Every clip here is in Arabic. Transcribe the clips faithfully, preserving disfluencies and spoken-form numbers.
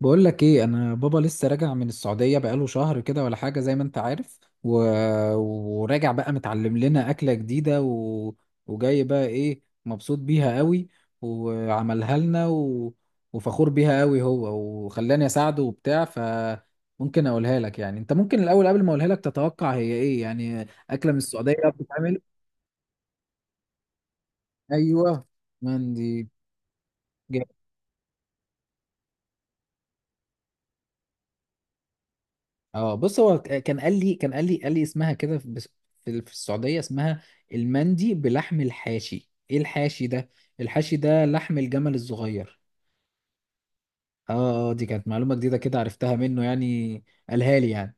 بقول لك ايه، انا بابا لسه راجع من السعوديه بقاله شهر كده ولا حاجه زي ما انت عارف و... وراجع بقى متعلم لنا اكله جديده و... وجاي بقى ايه مبسوط بيها قوي وعملها لنا و... وفخور بيها قوي هو، وخلاني اساعده وبتاع. فممكن اقولها لك يعني، انت ممكن الاول قبل ما اقولها لك تتوقع هي ايه، يعني اكله من السعوديه بتتعمل. ايوه، مندي. اه، بص هو ك- كان قال لي كان قال لي قال لي اسمها كده، في بس- في ال- في السعودية اسمها المندي بلحم الحاشي. ايه الحاشي ده؟ الحاشي ده لحم الجمل الصغير. اه، اه، دي كانت معلومة جديدة كده، عرفتها منه يعني، قالها لي يعني.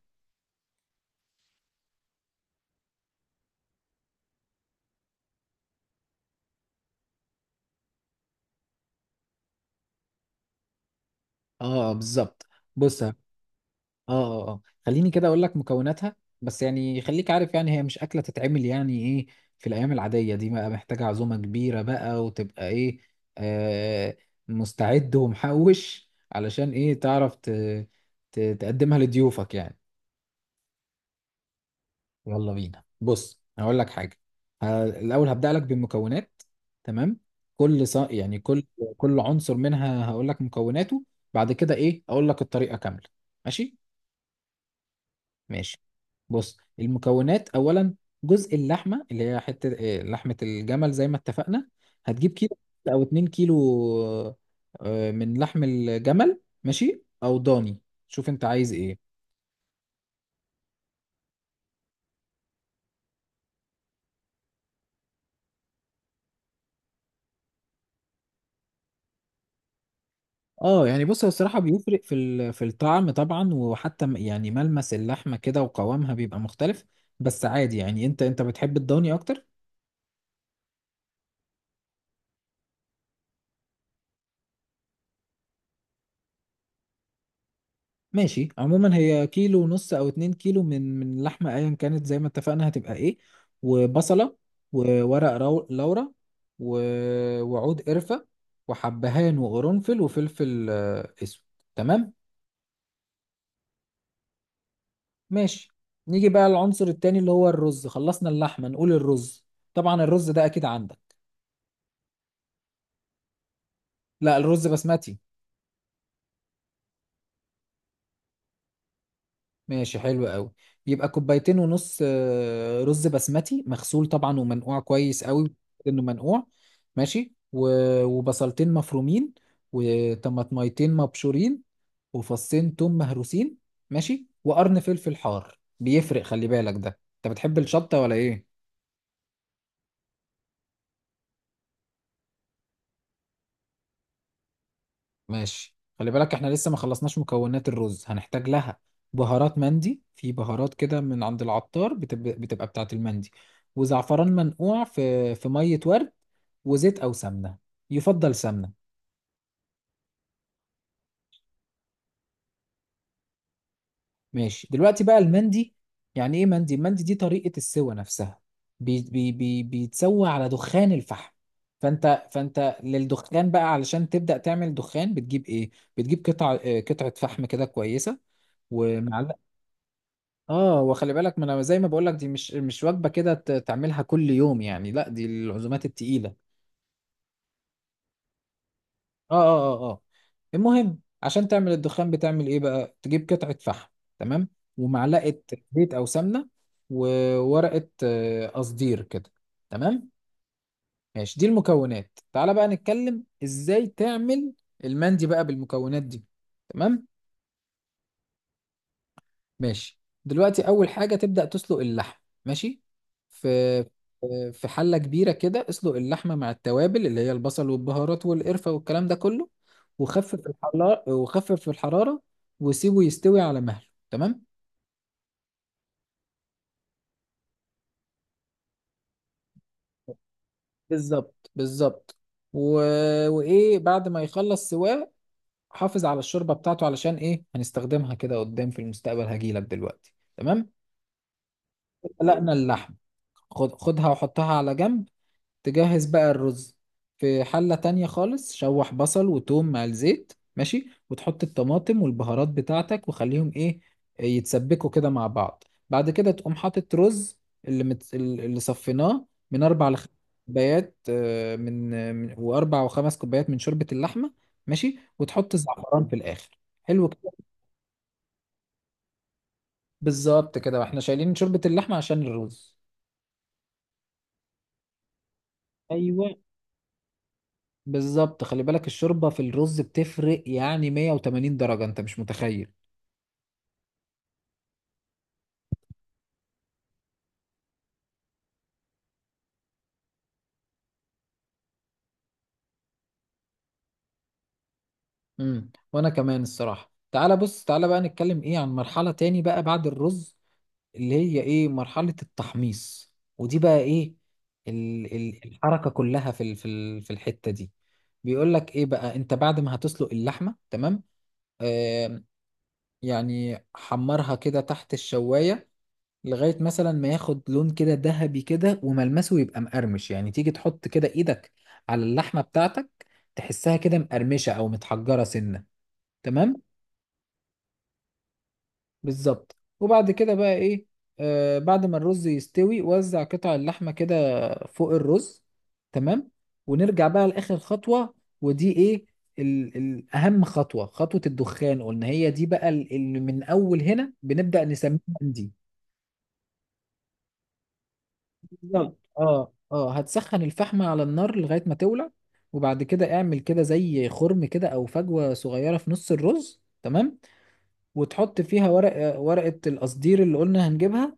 اه، آه، بالظبط. بص، اه اه اه خليني كده اقول لك مكوناتها. بس يعني خليك عارف، يعني هي مش اكله تتعمل يعني ايه في الايام العاديه دي، بقى محتاجه عزومه كبيره بقى، وتبقى ايه، آه مستعد ومحوش، علشان ايه، تعرف ت... ت... تقدمها لضيوفك يعني. يلا بينا، بص هقول لك حاجه، ه... الاول هبدا لك بالمكونات. تمام. كل ص... يعني كل كل عنصر منها هقول لك مكوناته، بعد كده ايه اقول لك الطريقه كامله. ماشي، ماشي. بص، المكونات اولا. جزء اللحمه، اللي هي حته إيه، لحمه الجمل زي ما اتفقنا. هتجيب كيلو او 2 كيلو آه، من لحم الجمل، ماشي، او ضاني، شوف انت عايز ايه. اه يعني، بص هو الصراحه بيفرق في ال- في الطعم طبعا، وحتى م- يعني ملمس اللحمه كده وقوامها بيبقى مختلف. بس عادي يعني، انت انت بتحب الضاني اكتر. ماشي، عموما هي كيلو ونص او اتنين كيلو من من اللحمه ايا كانت زي ما اتفقنا، هتبقى ايه، وبصله، وورق رو... لورا، و... وعود قرفه، وحبهان وقرنفل وفلفل آه، اسود. تمام. ماشي، نيجي بقى للعنصر التاني اللي هو الرز، خلصنا اللحمه نقول الرز. طبعا الرز ده اكيد عندك. لا، الرز بسمتي. ماشي، حلو قوي. يبقى كوبايتين ونص آه، رز بسمتي، مغسول طبعا ومنقوع كويس قوي، انه منقوع. ماشي، و- وبصلتين مفرومين، وطماطميتين مبشورين، وفصين توم مهروسين. ماشي، وقرن فلفل حار بيفرق، خلي بالك ده، انت بتحب الشطة ولا ايه؟ ماشي، خلي بالك احنا لسه ما خلصناش مكونات الرز هنحتاج لها. بهارات مندي، في بهارات كده من عند العطار بتبقى, بتبقى بتاعة المندي. وزعفران منقوع في في مية ورد، وزيت او سمنة، يفضل سمنة. ماشي، دلوقتي بقى المندي يعني ايه. مندي، المندي دي طريقة السوى نفسها، بي بي بي بيتسوى على دخان الفحم. فانت فانت للدخان بقى، علشان تبدأ تعمل دخان بتجيب ايه، بتجيب قطع اه، قطعة فحم كده كويسة، ومعلقة. اه، وخلي بالك، ما انا زي ما بقول لك دي مش مش وجبه كده ت- تعملها كل يوم يعني، لا، دي العزومات التقيله. اه، اه، اه، اه. المهم، عشان تعمل الدخان بتعمل ايه بقى، تجيب قطعه فحم، تمام، ومعلقه زيت او سمنه، وورقه آه، قصدير كده، تمام. ماشي، دي المكونات، تعالى بقى نتكلم ازاي تعمل المندي بقى بالمكونات دي، تمام. ماشي. دلوقتي اول حاجه تبدا تسلق اللحم، ماشي، في في حله كبيره كده، اسلق اللحمه مع التوابل اللي هي البصل والبهارات والقرفه والكلام ده كله، وخفف الحراره وخفف الحراره، وسيبه يستوي على مهله، تمام. بالظبط، بالظبط. و... وايه، بعد ما يخلص سواه حافظ على الشوربه بتاعته، علشان ايه، هنستخدمها كده قدام في المستقبل، هجيلك دلوقتي. تمام. سلقنا اللحم، خد خدها وحطها على جنب، تجهز بقى الرز. في حلة تانية خالص، شوح بصل وتوم مع الزيت، ماشي، وتحط الطماطم والبهارات بتاعتك وخليهم ايه، يتسبكوا كده مع بعض. بعد كده تقوم حاطط رز، اللي مت... اللي صفيناه، من اربع لخمس كوبايات، آه، من من- واربع وخمس كوبايات من شوربة اللحمة، ماشي. وتحط الزعفران في الاخر، حلو كده. بالظبط كده، واحنا شايلين شوربة اللحمة عشان الرز. ايوه، بالظبط. خلي بالك الشوربة في الرز بتفرق يعني مية وتمانين درجة، انت مش متخيل. امم وانا كمان الصراحة. تعالى بص، تعالى بقى نتكلم ايه عن مرحلة تاني بقى بعد الرز، اللي هي ايه، مرحلة التحميص. ودي بقى ايه، ال ال الحركة كلها في ال في ال في الحتة دي. بيقول لك ايه بقى، انت بعد ما هتسلق اللحمة تمام، آه يعني حمرها كده تحت الشواية، لغاية مثلا ما ياخد لون كده ذهبي كده وملمسه يبقى مقرمش. يعني تيجي تحط كده ايدك على اللحمة بتاعتك، تحسها كده مقرمشة او متحجرة سنة، تمام. بالظبط. وبعد كده بقى ايه، آه بعد ما الرز يستوي، وزع قطع اللحمة كده فوق الرز، تمام. ونرجع بقى لآخر خطوة، ودي ايه، ال- ال- اهم خطوة، خطوة الدخان قلنا، هي دي بقى ال- اللي من اول هنا بنبدأ نسميها مندي. بالظبط، اه، اه. هتسخن الفحمة على النار لغاية ما تولع، وبعد كده اعمل كده زي خرم كده او فجوة صغيرة في نص الرز، تمام. وتحط فيها ورق ورقة القصدير اللي قلنا هنجيبها،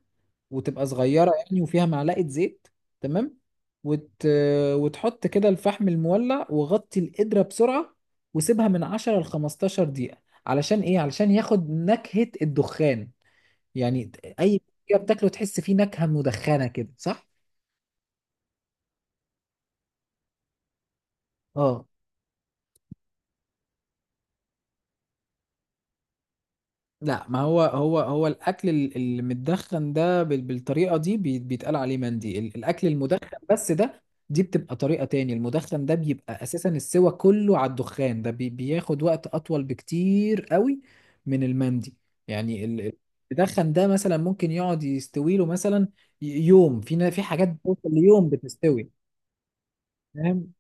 وتبقى صغيرة يعني، وفيها معلقة زيت، تمام. وت... وتحط كده الفحم المولع، وغطي القدرة بسرعة، وسيبها من عشر ل خمستاشر دقيقة، علشان ايه، علشان ياخد نكهة الدخان يعني. اي حاجة بتاكله تحس فيه نكهة مدخنة كده، صح. اه، لا، ما هو هو هو الاكل ال- اللي متدخن ده بال- بالطريقه دي بي- بيتقال عليه مندي، ال- الاكل المدخن بس ده. دي بتبقى طريقه تاني، المدخن ده بيبقى اساسا السوى كله على الدخان ده بي- بياخد وقت اطول بكتير قوي من المندي. يعني ال- ال- المدخن ده مثلا ممكن يقعد يستوي له مثلا، ي- يوم، في نا- في حاجات بتوصل ليوم بتستوي. فاهم؟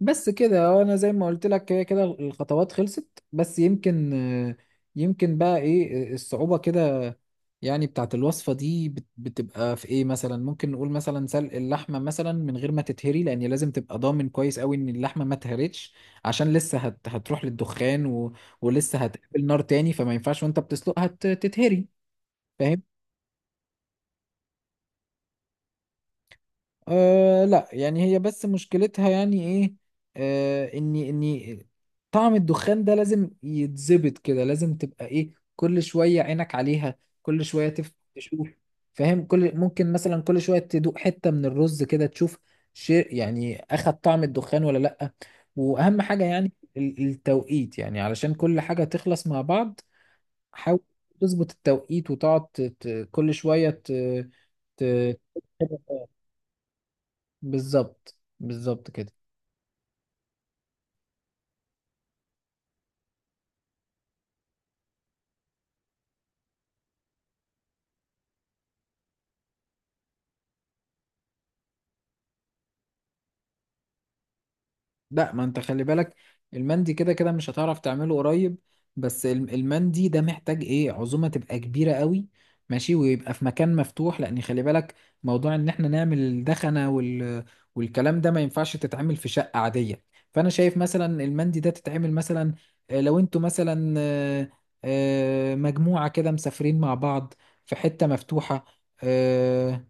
بس كده، هو انا زي ما قلت لك كده كده الخطوات خلصت، بس يمكن، آه، يمكن بقى ايه آه، الصعوبة كده يعني بتاعت الوصفة دي بت- بتبقى في ايه مثلا. ممكن نقول مثلا سلق اللحمة مثلا من غير ما تتهري، لان لازم تبقى ضامن كويس قوي ان اللحمة ما اتهرتش، عشان لسه هت هتروح للدخان و... ولسه هتقابل نار تاني، فما ينفعش وانت بتسلقها ت- تتهري. فاهم؟ أه لا يعني هي بس مشكلتها يعني ايه، أه اني اني طعم الدخان ده لازم يتظبط كده، لازم تبقى ايه كل شوية عينك عليها، كل شوية تف- تشوف. فاهم؟ كل ممكن مثلا كل شوية تدوق حتة من الرز كده تشوف شيء يعني، اخد طعم الدخان ولا لا. واهم حاجة يعني ال- التوقيت، يعني علشان كل حاجة تخلص مع بعض. حاول تظبط التوقيت، وتقعد ت- ت- كل شوية ت- ت- بالظبط، بالظبط كده. لا، ما انت خلي بالك المندي كده كده مش هتعرف تعمله قريب، بس الم- المندي ده محتاج ايه عزومة تبقى كبيرة قوي، ماشي، ويبقى في مكان مفتوح، لان خلي بالك موضوع ان احنا نعمل الدخنة وال... والكلام ده ما ينفعش تتعمل في شقة عادية. فانا شايف مثلا المندي ده تتعمل مثلا، آه، لو انتوا مثلا، آه، آه، مجموعة كده مسافرين مع بعض في حتة مفتوحة، آه،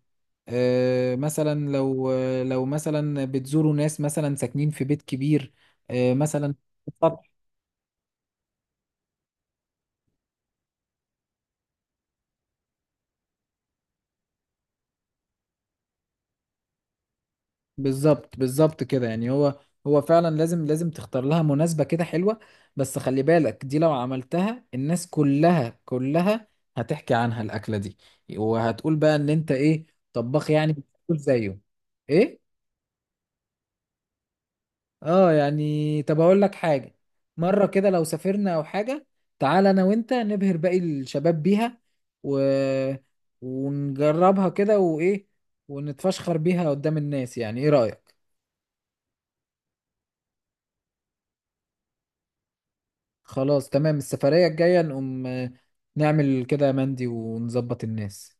آه، مثلا لو، لو مثلا بتزوروا ناس مثلا ساكنين في بيت كبير، آه، مثلا في السطح. بالظبط، بالظبط كده. يعني هو هو فعلا لازم لازم تختار لها مناسبة كده حلوة. بس خلي بالك دي لو عملتها، الناس كلها كلها هتحكي عنها الأكلة دي، وهتقول بقى إن أنت إيه، طباخ يعني بتاكل زيه. إيه. اه يعني، طب اقول لك حاجه، مره كده لو سافرنا او حاجه، تعال انا وانت نبهر باقي الشباب بيها، و... ونجربها كده وايه، ونتفشخر بيها قدام الناس. يعني ايه رايك؟ خلاص تمام، السفريه الجايه نقوم آه، نعمل كده يا مندي ونظبط الناس.